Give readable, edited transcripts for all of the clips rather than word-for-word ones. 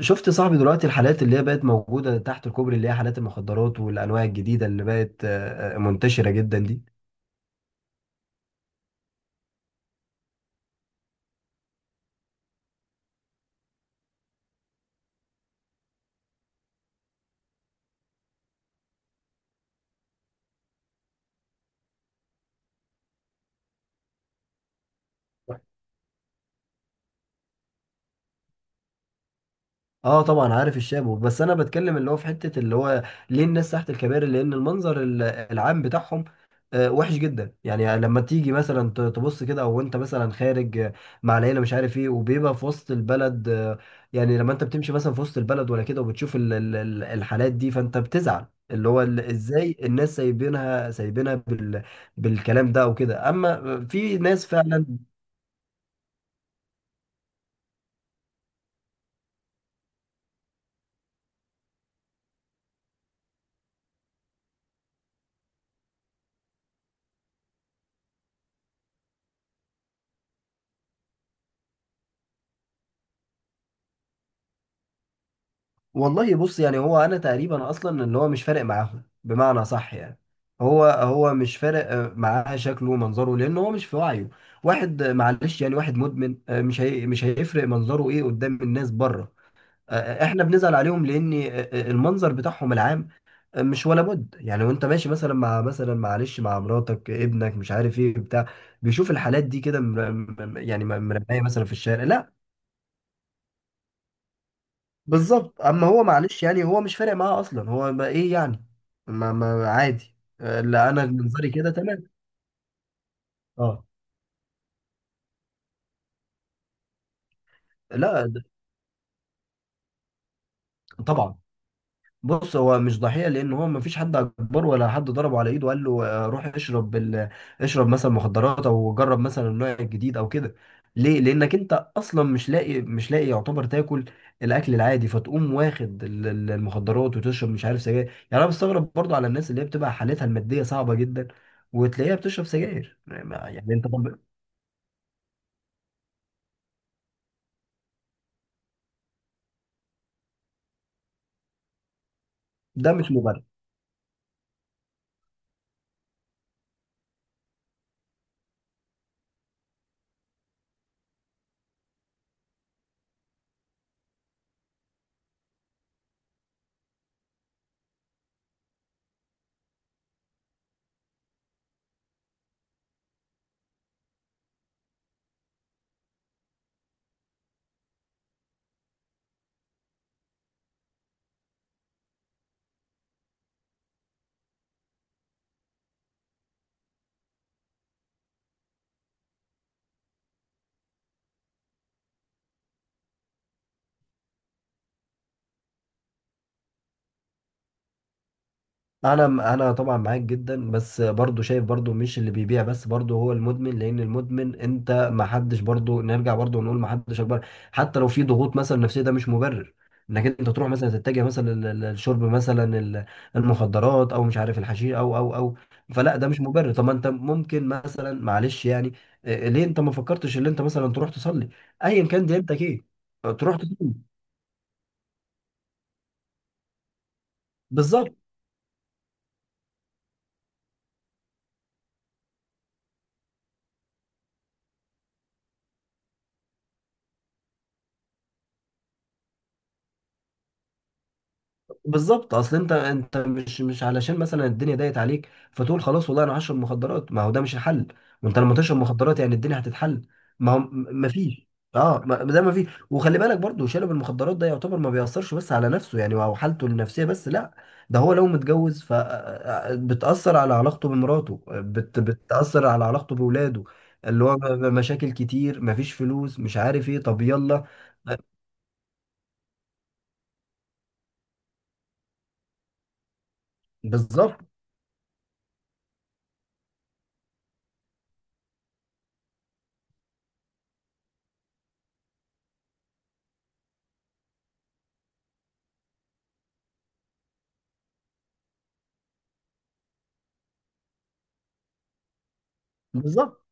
شفت صاحبي دلوقتي الحالات اللي هي بقت موجودة تحت الكوبري، اللي هي حالات المخدرات والأنواع الجديدة اللي بقت منتشرة جدا دي. اه، طبعا عارف الشابو، بس انا بتكلم اللي هو في حته اللي هو ليه الناس تحت الكباري. لان المنظر العام بتاعهم وحش جدا. يعني لما تيجي مثلا تبص كده او انت مثلا خارج مع العيله مش عارف ايه، وبيبقى في وسط البلد يعني. لما انت بتمشي مثلا في وسط البلد ولا كده وبتشوف الحالات دي، فانت بتزعل. اللي هو ازاي الناس سايبينها، سايبينها بالكلام ده او كده، اما في ناس فعلا. والله بص، يعني هو انا تقريبا اصلا اللي هو مش فارق معاهم، بمعنى صح يعني. هو مش فارق معاه شكله ومنظره لان هو مش في وعيه. واحد معلش يعني، واحد مدمن مش هي مش هيفرق منظره ايه قدام الناس بره. احنا بنزعل عليهم لان المنظر بتاعهم العام مش ولا بد. يعني وانت ماشي مثلا مع مثلا معلش مع مراتك ابنك مش عارف ايه بتاع، بيشوف الحالات دي كده يعني مرميه مثلا في الشارع، لا. بالظبط، اما هو معلش يعني، هو مش فارق معاه اصلا. هو ما ايه يعني، ما عادي. لا، انا منظري كده تمام. اه، لا، طبعا. بص، هو مش ضحية لأن هو مفيش حد أكبر ولا حد ضربه على إيده وقال له روح اشرب اشرب مثلا مخدرات، أو جرب مثلا النوع الجديد أو كده. ليه؟ لأنك أنت أصلا مش لاقي يعتبر تاكل الأكل العادي، فتقوم واخد المخدرات وتشرب مش عارف سجاير. يعني أنا بستغرب برضو على الناس اللي هي بتبقى حالتها المادية صعبة جدا وتلاقيها بتشرب سجاير. يعني أنت طب. ده مش مبرر. انا طبعا معاك جدا، بس برضو شايف برضو مش اللي بيبيع بس، برضو هو المدمن. لان المدمن انت ما حدش، برضو نرجع برضو نقول ما حدش اكبر. حتى لو في ضغوط مثلا نفسيه، ده مش مبرر انك انت تروح مثلا تتجه مثلا للشرب مثلا المخدرات، او مش عارف الحشيش، او. فلا، ده مش مبرر. طب ما انت ممكن مثلا معلش يعني ليه انت ما فكرتش ان انت مثلا تروح تصلي، ايا كان ديانتك ايه. تروح تصلي. بالظبط. اصل انت مش علشان مثلا الدنيا ضايقت عليك فتقول خلاص والله انا هشرب مخدرات. ما هو ده مش الحل. وانت لما تشرب مخدرات يعني الدنيا هتتحل؟ ما هو ما فيش. اه، ده ما فيش. وخلي بالك برضو شارب المخدرات ده يعتبر ما بيأثرش بس على نفسه يعني او حالته النفسية بس، لا. ده هو لو متجوز فبتأثر على علاقته بمراته، بتأثر على علاقته بولاده. اللي هو مشاكل كتير، مفيش فلوس، مش عارف ايه. طب يلا. بالظبط. بالظبط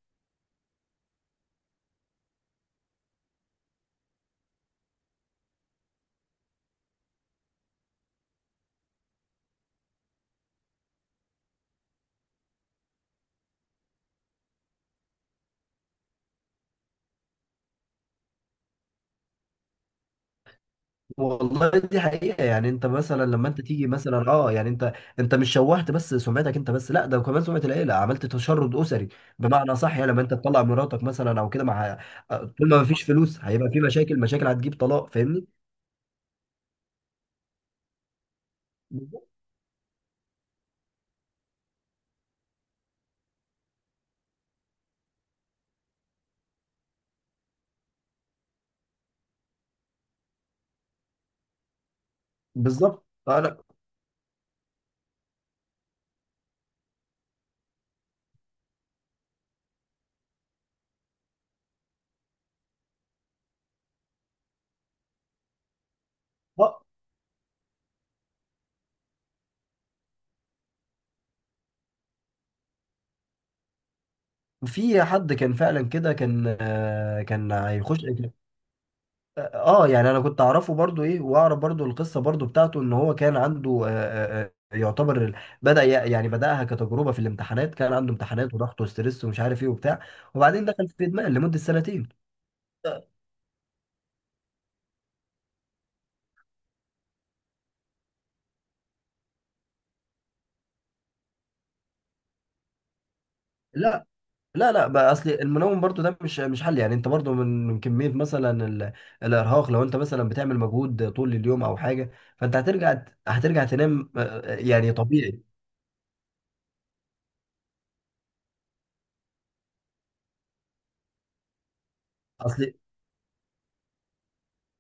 والله دي حقيقة. يعني انت مثلا لما انت تيجي مثلا، اه، يعني انت مش شوهت بس سمعتك انت بس، لا ده كمان سمعة العيلة، عملت تشرد اسري. بمعنى صح يعني، لما انت تطلع مراتك مثلا او كده مع طول ما مفيش فلوس هيبقى في مشاكل هتجيب طلاق فاهمني. بالظبط. فانا. اه، في حد كان فعلا كده، كان هيخش. اه، يعني انا كنت اعرفه برضو ايه، واعرف برضو القصه برضو بتاعته ان هو كان عنده، يعتبر يعني بداها كتجربه في الامتحانات. كان عنده امتحانات وضغط وستريس ومش عارف ايه وبتاع، وبعدين دخل في ادمان لمده سنتين. لا، لا، لا، بقى اصل المنوم برضو ده مش حل. يعني انت برضو من كميه مثلا الارهاق، لو انت مثلا بتعمل مجهود طول اليوم او حاجه فانت هترجع تنام. يعني طبيعي. اصل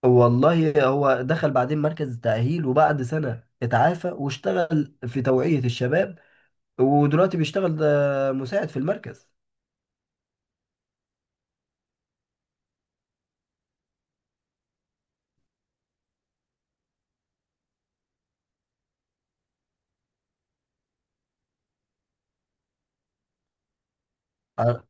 والله هو دخل بعدين مركز تأهيل، وبعد سنة اتعافى واشتغل في توعية الشباب، ودلوقتي بيشتغل ده مساعد في المركز. ع-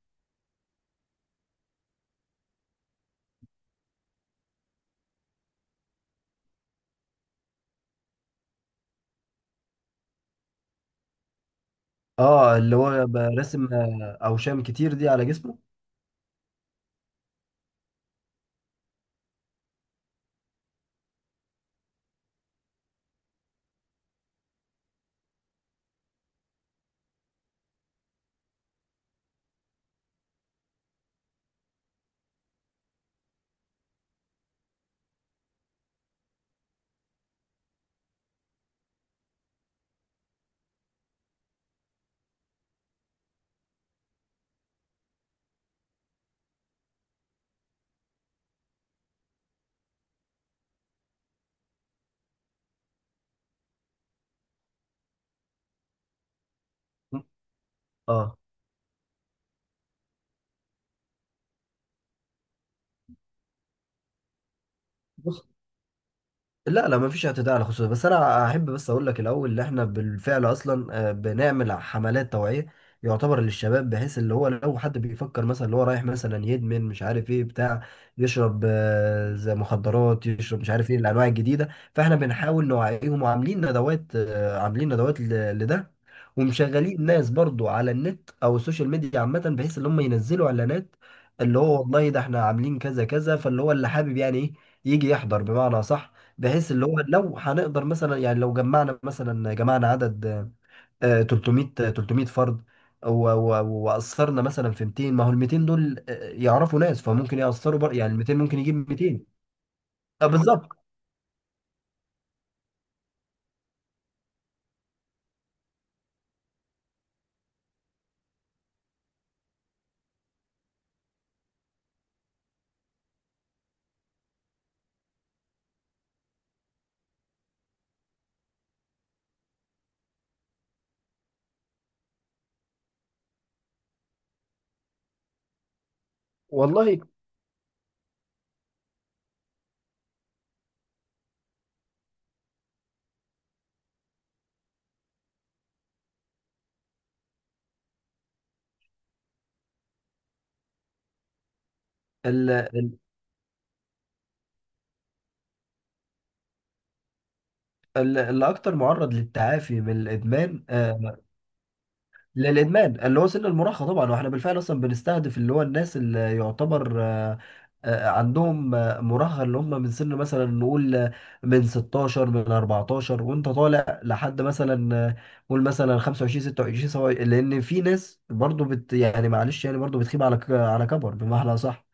اه، اللي هو برسم أوشام كتير دي على جسمه. اه، بص، لا، لا، مفيش اعتداء على الخصوصية. بس انا احب بس اقول لك الاول ان احنا بالفعل اصلا بنعمل حملات توعية يعتبر للشباب، بحيث اللي هو لو حد بيفكر مثلا اللي هو رايح مثلا يدمن مش عارف ايه بتاع، يشرب زي مخدرات، يشرب مش عارف ايه الانواع الجديدة. فاحنا بنحاول نوعيهم، وعاملين ندوات، آه، عاملين ندوات لده. ومشغلين ناس برضو على النت او السوشيال ميديا عامة بحيث ان هم ينزلوا اعلانات، اللي هو والله ده احنا عاملين كذا كذا، فاللي هو اللي حابب يعني ايه يجي يحضر، بمعنى صح. بحيث اللي هو لو هنقدر مثلا، يعني لو جمعنا عدد 300 300 فرد، وأثرنا مثلا في 200، ما هو ال 200 دول يعرفوا ناس فممكن يأثروا يعني ال 200 ممكن يجيب 200. بالظبط. والله ال- ال- اللي أكتر معرض للتعافي من الإدمان للادمان اللي هو سن المراهقه طبعا. واحنا بالفعل اصلا بنستهدف اللي هو الناس اللي يعتبر عندهم مراهقه، اللي هم من سن مثلا نقول من 16 من 14 وانت طالع لحد مثلا قول مثلا 25 26 سواء. لان في ناس برضو يعني معلش يعني، برضو بتخيب على على كبر، بمعنى صح.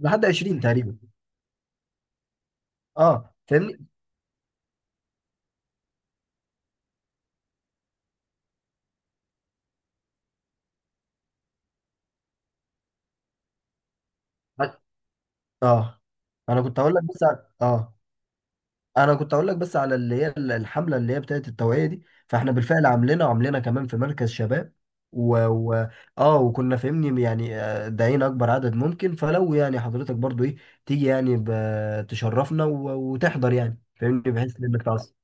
لحد 20 تقريبا. اه، فاهمني. اه، انا كنت هقول لك بس. اه، انا كنت اقول لك بس على اللي هي الحمله اللي هي بتاعت التوعيه دي. فاحنا بالفعل عاملينها، وعاملينها كمان في مركز شباب. و... و... اه، وكنا فاهمني يعني داعين اكبر عدد ممكن. فلو يعني حضرتك برضو ايه، تيجي يعني تشرفنا وتحضر يعني فاهمني، بحيث انك تعصب.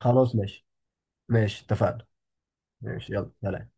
خلاص ماشي، ماشي، اتفقنا. ماشي، يلا سلام.